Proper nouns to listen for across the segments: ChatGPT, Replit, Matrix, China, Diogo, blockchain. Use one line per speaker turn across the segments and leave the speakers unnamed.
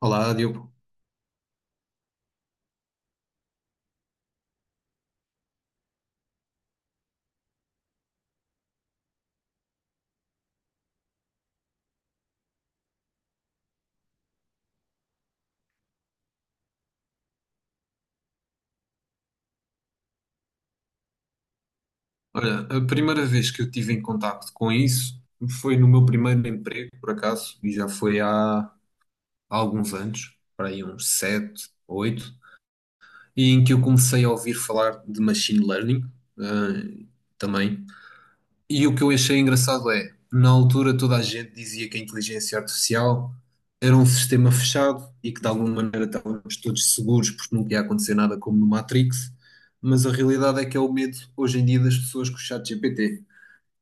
Olá, Diogo. Olha, a primeira vez que eu tive em contacto com isso foi no meu primeiro emprego, por acaso, e já foi há alguns anos, para aí uns sete, oito, e em que eu comecei a ouvir falar de machine learning, eh, também. E o que eu achei engraçado é, na altura toda a gente dizia que a inteligência artificial era um sistema fechado e que de alguma maneira estávamos todos seguros porque não ia acontecer nada como no Matrix, mas a realidade é que é o medo hoje em dia das pessoas com o chat GPT.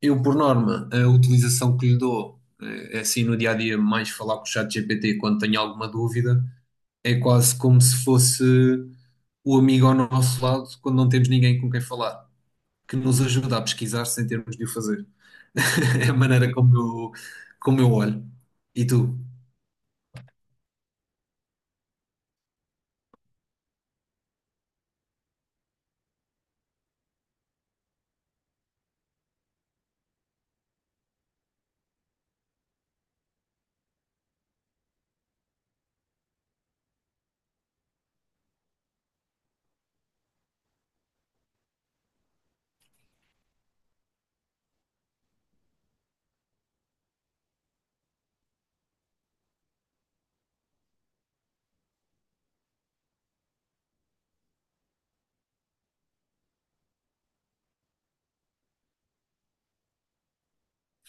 Eu, por norma, a utilização que lhe dou, é assim no dia a dia, mais falar com o chat GPT quando tenho alguma dúvida, é quase como se fosse o amigo ao nosso lado quando não temos ninguém com quem falar, que nos ajuda a pesquisar sem termos de o fazer. É a maneira como eu olho. E tu?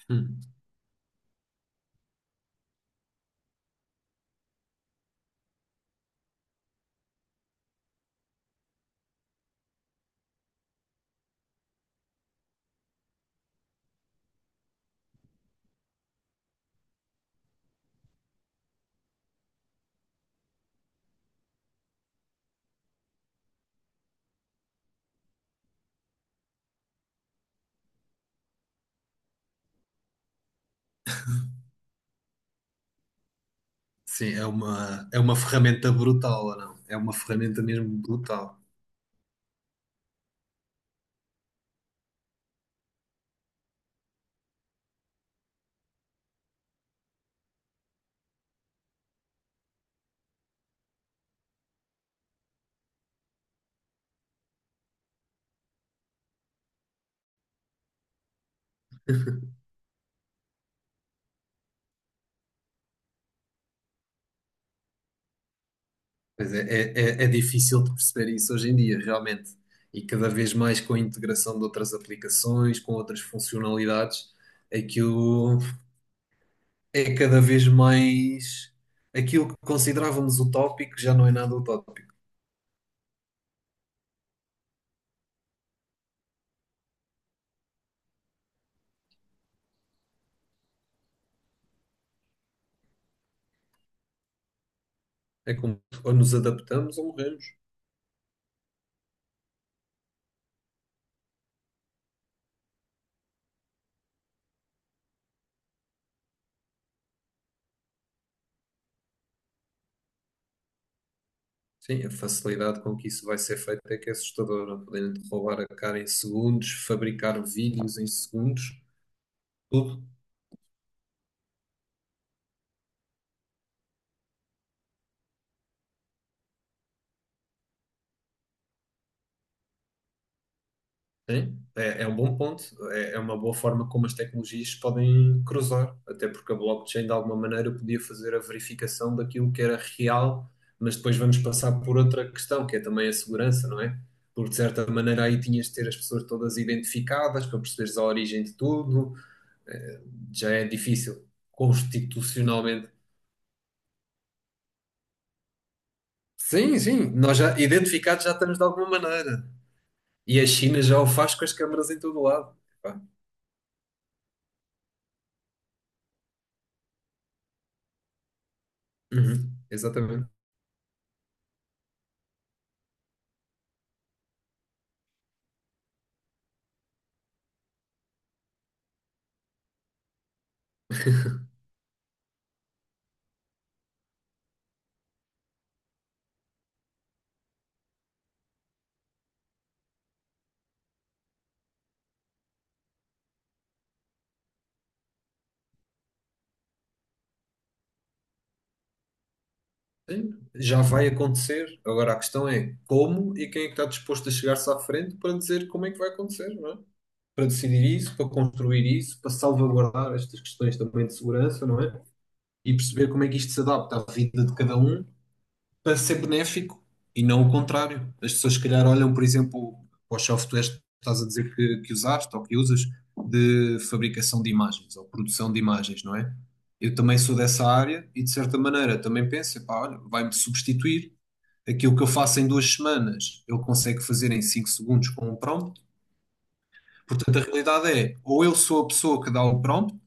Hum. Sim, é uma ferramenta brutal, ou não? É uma ferramenta mesmo brutal. Pois é, é difícil de perceber isso hoje em dia, realmente. E cada vez mais com a integração de outras aplicações, com outras funcionalidades, aquilo é cada vez mais. Aquilo que considerávamos utópico já não é nada utópico. É como ou nos adaptamos ou morremos. Sim, a facilidade com que isso vai ser feito é que é assustadora. Podem roubar a cara em segundos, fabricar vídeos em segundos, tudo. Sim, é um bom ponto. É, é uma boa forma como as tecnologias podem cruzar, até porque a blockchain de alguma maneira podia fazer a verificação daquilo que era real, mas depois vamos passar por outra questão, que é também a segurança, não é? Porque de certa maneira aí tinhas de ter as pessoas todas identificadas para perceberes a origem de tudo, eh, já é difícil constitucionalmente. Sim, sim, nós já identificados já estamos de alguma maneira. E a China já o faz com as câmaras em todo lado. Pá. Uhum, exatamente. Já vai acontecer. Agora a questão é como e quem é que está disposto a chegar-se à frente para dizer como é que vai acontecer, não é? Para decidir isso, para construir isso, para salvaguardar estas questões também de segurança, não é? E perceber como é que isto se adapta à vida de cada um para ser benéfico e não o contrário. As pessoas, se calhar, olham, por exemplo, para os softwares que estás a dizer que usaste ou que usas de fabricação de imagens ou produção de imagens, não é? Eu também sou dessa área e, de certa maneira, também penso, pá, olha, vai-me substituir. Aquilo que eu faço em 2 semanas, ele consegue fazer em 5 segundos com um prompt. Portanto, a realidade é, ou eu sou a pessoa que dá o prompt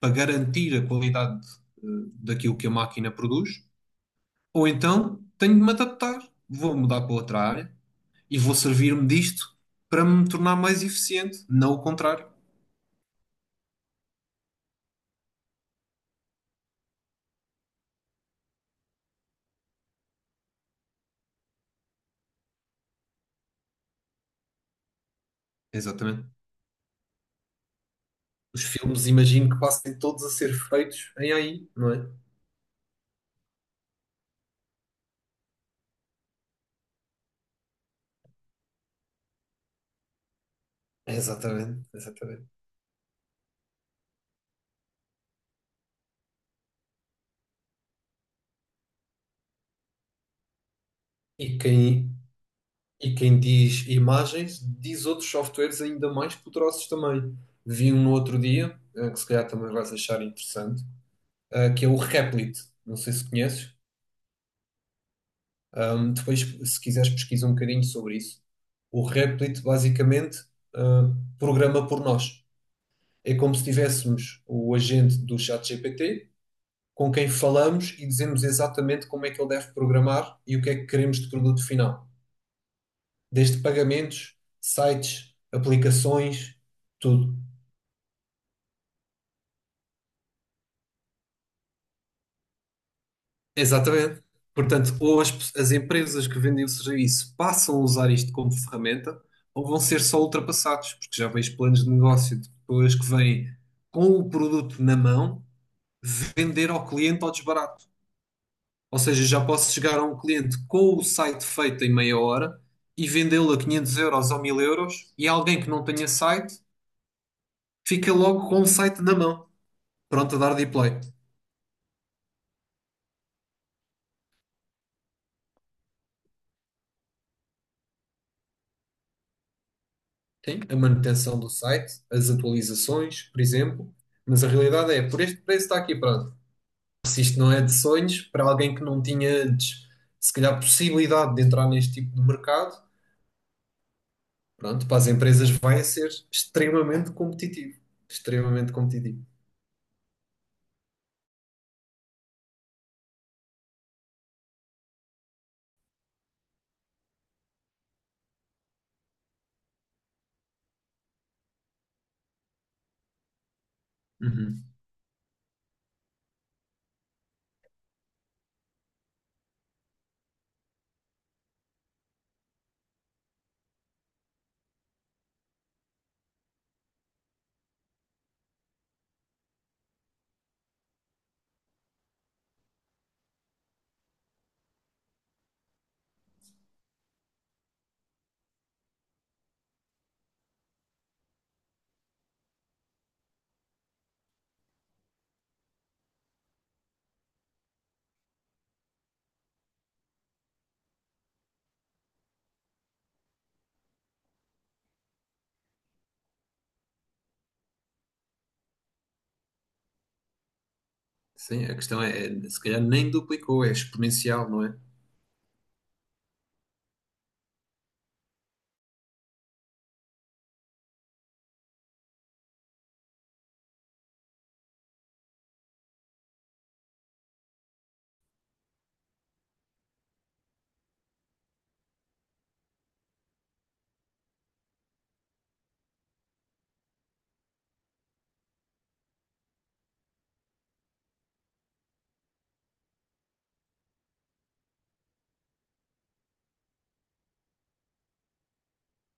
para garantir a qualidade eh, daquilo que a máquina produz, ou então tenho de me adaptar, vou mudar para outra área e vou servir-me disto para me tornar mais eficiente, não o contrário. Exatamente. Os filmes, imagino que passem todos a ser feitos em AI, não é? Exatamente, exatamente. E quem, E quem diz imagens, diz outros softwares ainda mais poderosos também. Vi um no outro dia, que se calhar também vais achar interessante, que é o Replit. Não sei se conheces. Depois, se quiseres, pesquisa um bocadinho sobre isso. O Replit, basicamente, ah, programa por nós. É como se tivéssemos o agente do ChatGPT com quem falamos e dizemos exatamente como é que ele deve programar e o que é que queremos de produto final. Desde pagamentos, sites, aplicações, tudo. Exatamente. Portanto, ou as empresas que vendem o serviço passam a usar isto como ferramenta, ou vão ser só ultrapassados, porque já vejo planos de negócio de pessoas que vêm com o produto na mão vender ao cliente ao desbarato. Ou seja, já posso chegar a um cliente com o site feito em meia hora e vendê-lo a 500 € ou 1000 euros, e alguém que não tenha site fica logo com o site na mão, pronto a dar de play. Tem a manutenção do site, as atualizações, por exemplo, mas a realidade é, por este preço está aqui, pronto. Se isto não é de sonhos, para alguém que não tinha antes, se calhar, possibilidade de entrar neste tipo de mercado, pronto, para as empresas vai ser extremamente competitivo. Extremamente competitivo. Uhum. Sim, a questão é, se calhar nem duplicou, é exponencial, não é?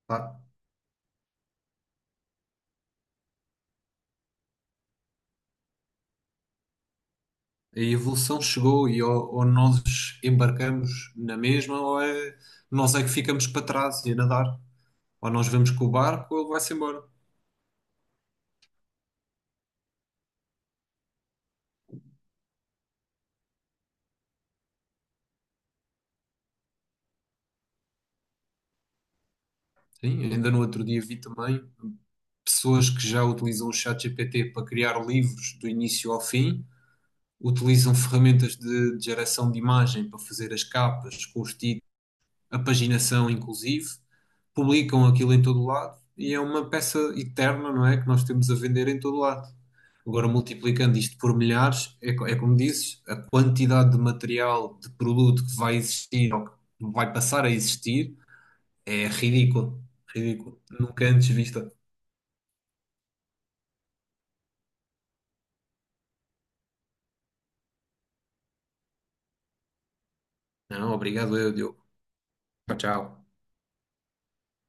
Pá, a evolução chegou e ou nós embarcamos na mesma ou nós é que ficamos para trás e a nadar. Ou nós vamos com o barco ou ele vai-se embora. Sim, ainda no outro dia vi também pessoas que já utilizam o ChatGPT para criar livros do início ao fim, utilizam ferramentas de geração de imagem para fazer as capas, com os títulos, a paginação inclusive, publicam aquilo em todo lado e é uma peça eterna, não é? Que nós temos a vender em todo lado. Agora, multiplicando isto por milhares, é como dizes, a quantidade de material, de produto que vai existir ou que vai passar a existir. É ridículo, ridículo. Nunca antes vista. Não, obrigado eu, Diogo. Tchau, tchau.